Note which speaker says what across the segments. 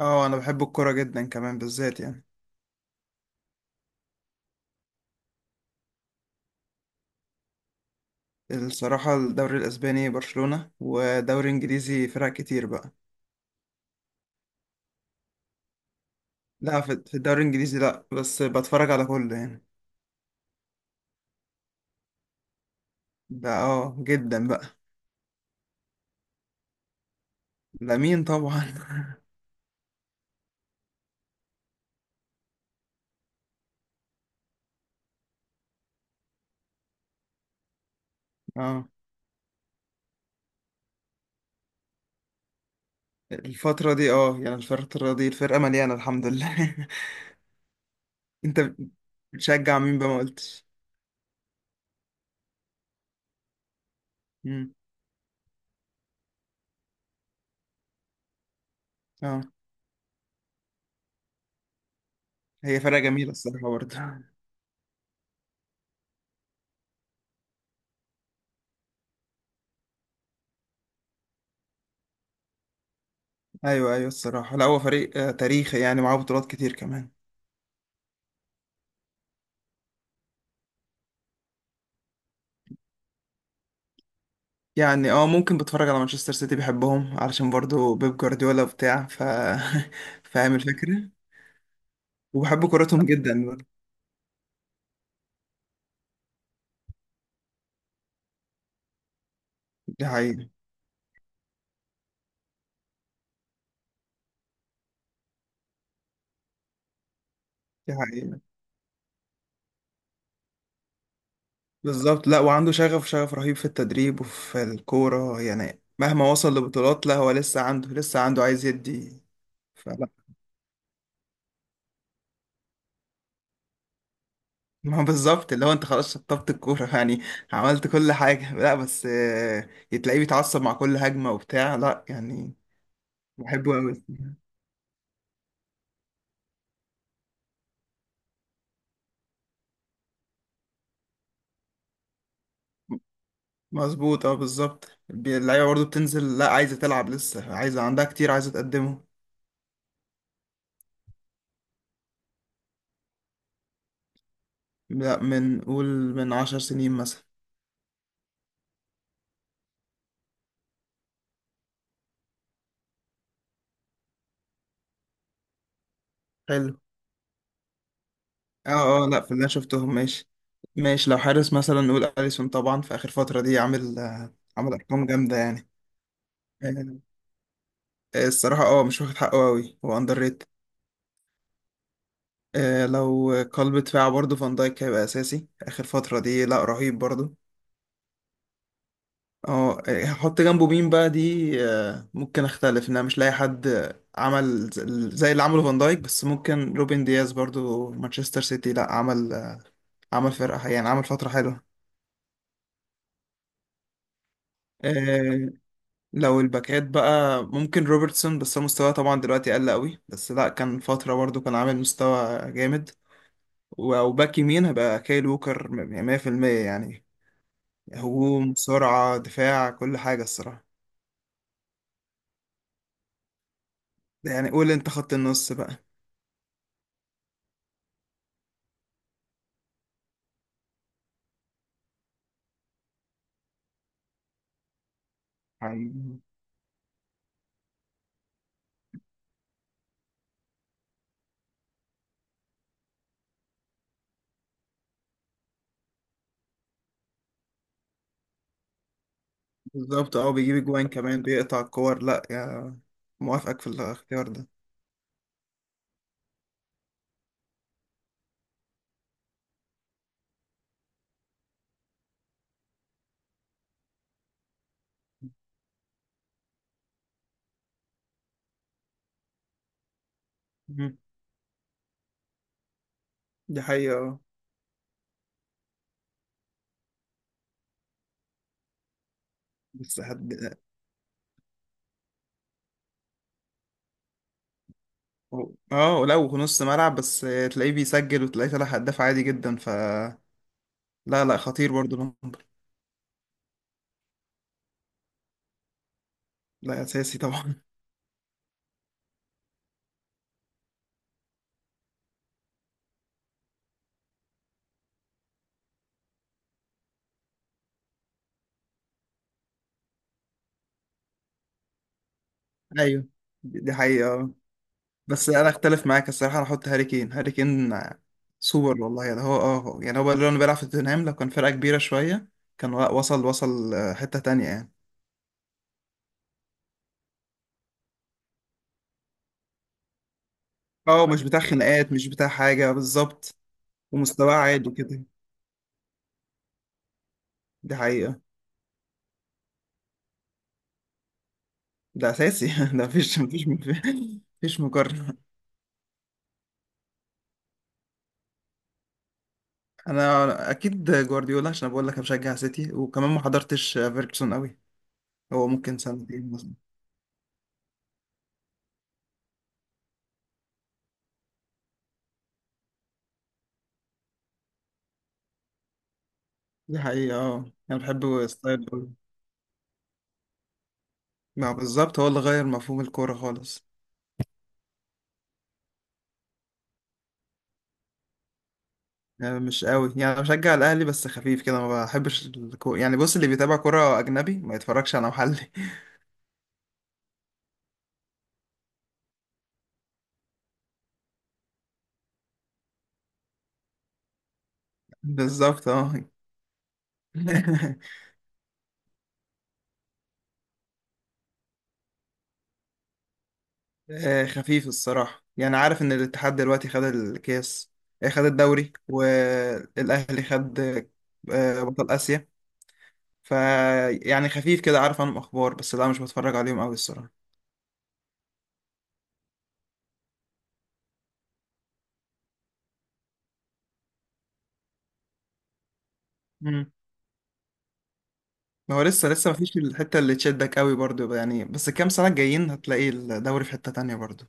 Speaker 1: اه، انا بحب الكوره جدا كمان بالذات يعني. الصراحه الدوري الاسباني برشلونه ودوري انجليزي فرق كتير بقى. لا، في الدوري الانجليزي لا بس بتفرج على كله يعني. ده جدا بقى. لامين طبعا. اه، الفتره دي الفرقه مليانه الحمد لله. انت بتشجع مين بقى؟ ما قلتش. مم. اه، هي فرقه جميله الصراحه برضه. ايوه، ايوه، الصراحه لا، هو فريق تاريخي يعني، معاه بطولات كتير كمان. يعني اه، ممكن بتفرج على مانشستر سيتي، بحبهم علشان برضو بيب جوارديولا بتاع فاهم الفكرة. وبحب كورتهم جدا برضو. دي حقيقة. دي حقيقة. بالظبط، لا وعنده شغف، شغف رهيب في التدريب وفي الكورة يعني. مهما وصل لبطولات لا، هو لسه عنده، عايز يدي. فلا ما هو بالظبط، اللي هو انت خلاص شطبت الكورة يعني، عملت كل حاجة. لا بس تلاقيه بيتعصب مع كل هجمة وبتاع لا يعني. بحبه قوي. مظبوط، اه بالظبط اللعيبه برضه بتنزل لا، عايزه تلعب، لسه عايزه عندها كتير، عايزه تقدمه. لا، من، قول، من عشر سنين مثلا. حلو. اه لا، في اللي انا شفتهم. ماشي، ماشي، لو حارس مثلا نقول اليسون طبعا، في اخر فتره دي عامل، ارقام جامده يعني. آه، الصراحه مش واخد حقه قوي، هو اندر ريت. آه، لو قلب دفاع برضه فان دايك هيبقى اساسي. اخر فتره دي لا، رهيب برضه. اه، هحط جنبه مين بقى؟ دي ممكن اختلف ان انا مش لاقي حد عمل ز- زي اللي عمله فان دايك. بس ممكن روبن دياز برضو، مانشستر سيتي لا عمل، عمل فرقة يعني، عمل فترة حلوة. آه، لو الباكات بقى، ممكن روبرتسون، بس هو مستواه طبعا دلوقتي قل قوي. بس لا، كان فترة برضو كان عامل مستوى جامد. وباك يمين هيبقى كايل ووكر 100% يعني، هجوم، سرعة، دفاع، كل حاجة الصراحة. يعني قول انت خط النص بقى. بالظبط، اه بيجيب اجوان كمان، بيقطع الكور، لا يا. موافقك في الاختيار ده. مم. دي حقيقة اه. بس حد اه، لو نص ملعب بس تلاقيه بيسجل، وتلاقيه طالع هداف عادي جدا ف. لا لا، خطير برضو نمبر. لا، اساسي طبعا. ايوه. دي حقيقة اه. بس انا اختلف معاك الصراحة، انا احط هاري كين. هاري كين سوبر والله يعني. هو اه، يعني هو بقى، لو بيلعب في توتنهام، لو كان فرقة كبيرة شوية كان وصل، حتة تانية يعني. اه مش بتاع خناقات، مش بتاع حاجة بالظبط. ومستواه عالي كده. دي حقيقة. ده أساسي. ده مفيش مقارنة. أنا أكيد جوارديولا، عشان بقول لك بشجع سيتي، وكمان ما حضرتش فيرجسون أوي، هو ممكن سنتين مثلا. دي حقيقة أه. أنا بحب ستايل أوي. ما بالظبط، هو اللي غير مفهوم الكورة خالص. يعني مش قوي، يعني أنا بشجع الأهلي بس خفيف كده، ما بحبش الكورة. يعني بص، اللي بيتابع كورة أجنبي ما يتفرجش على محلي. بالظبط أه. خفيف الصراحة. يعني عارف إن الاتحاد دلوقتي خد الكاس، خد الدوري، والأهلي خد بطل آسيا. فيعني خفيف كده، عارف عنهم أخبار بس لا، مش بتفرج عليهم أوي الصراحة. مم. ما هو لسه، لسه مفيش الحتة اللي تشدك أوي برضو يعني. بس الكام سنة الجايين هتلاقي الدوري في حتة تانية برضو.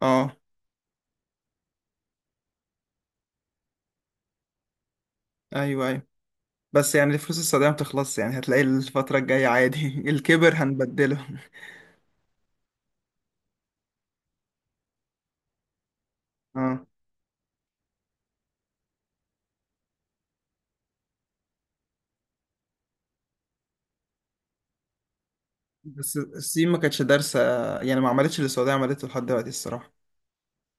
Speaker 1: اه. أيوه، أيوه، بس يعني الفلوس السعودية متخلصش يعني، هتلاقي الفترة الجاية عادي. الكبر هنبدله. اه. بس الصين ما كانتش دارسة، يعني ما عملتش اللي السعودية عملته لحد دلوقتي الصراحة.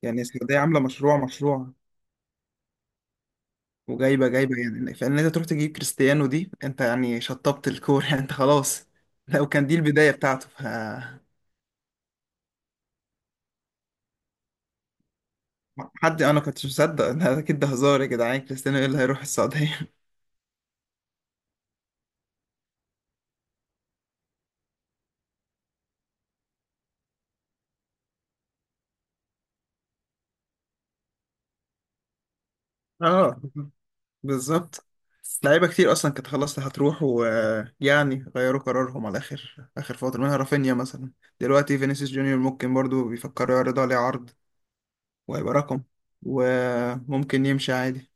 Speaker 1: يعني السعودية عاملة مشروع، مشروع، وجايبة، جايبة. يعني فإن أنت تروح تجيب كريستيانو، دي أنت يعني شطبت الكورة. يعني أنت خلاص، لو كان دي البداية بتاعته ف. حد أنا كنتش مصدق ده، أكيد ده هزار يا جدعان، كريستيانو إيه اللي هيروح السعودية؟ آه، بالظبط. لعيبة كتير أصلا كانت خلاص هتروح، ويعني غيروا قرارهم على آخر، آخر فترة منها رافينيا مثلا. دلوقتي فينيسيوس جونيور ممكن برضو بيفكروا يعرضوا عليه عرض، وهيبقى رقم. وممكن يمشي عادي.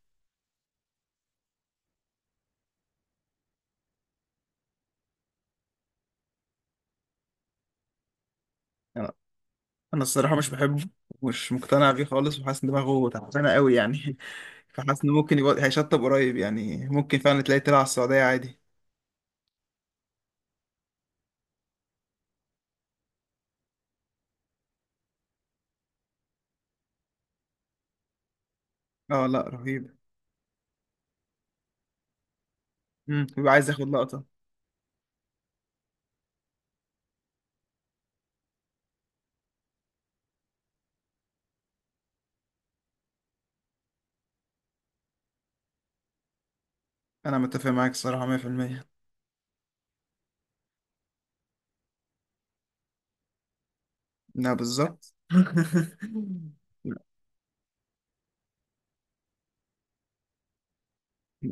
Speaker 1: انا أنا الصراحه مش بحبه، ومش مقتنع بيه خالص، وحاسس ان دماغه تعبانه قوي يعني. فحاسس انه ممكن يبقى هيشطب قريب. يعني ممكن فعلا تلاقيه طلع على السعوديه عادي. اه، لا رهيب. بيبقى عايز ياخد لقطه. انا متفق معاك الصراحه 100%. لا بالظبط.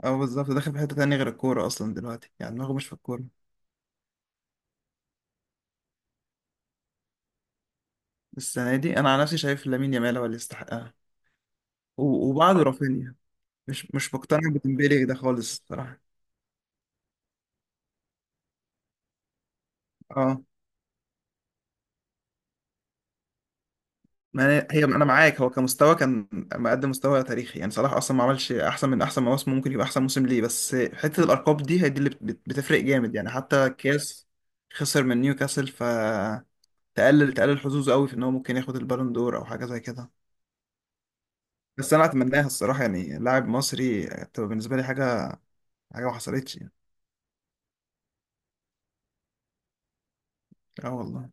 Speaker 1: اه، بالظبط، داخل في حته تانية غير الكوره اصلا دلوقتي، يعني دماغه مش في الكوره. السنه دي انا على نفسي شايف لامين يامال هو اللي يستحقها، وبعده رافينيا. مش مقتنع بتمبيلي ده خالص الصراحه. اه، ما انا معاك، هو كمستوى كان مقدم مستوى تاريخي يعني. صلاح اصلا ما عملش احسن من احسن مواسم، ممكن يبقى احسن موسم ليه، بس حته الارقام دي هي دي اللي بتفرق جامد يعني. حتى كاس خسر من نيوكاسل، فتقلل، حظوظه قوي في ان هو ممكن ياخد البالون دور او حاجه زي كده. بس انا اتمناها الصراحه يعني، لاعب مصري تبقى بالنسبه لي حاجه ما حصلتش يعني. اه والله.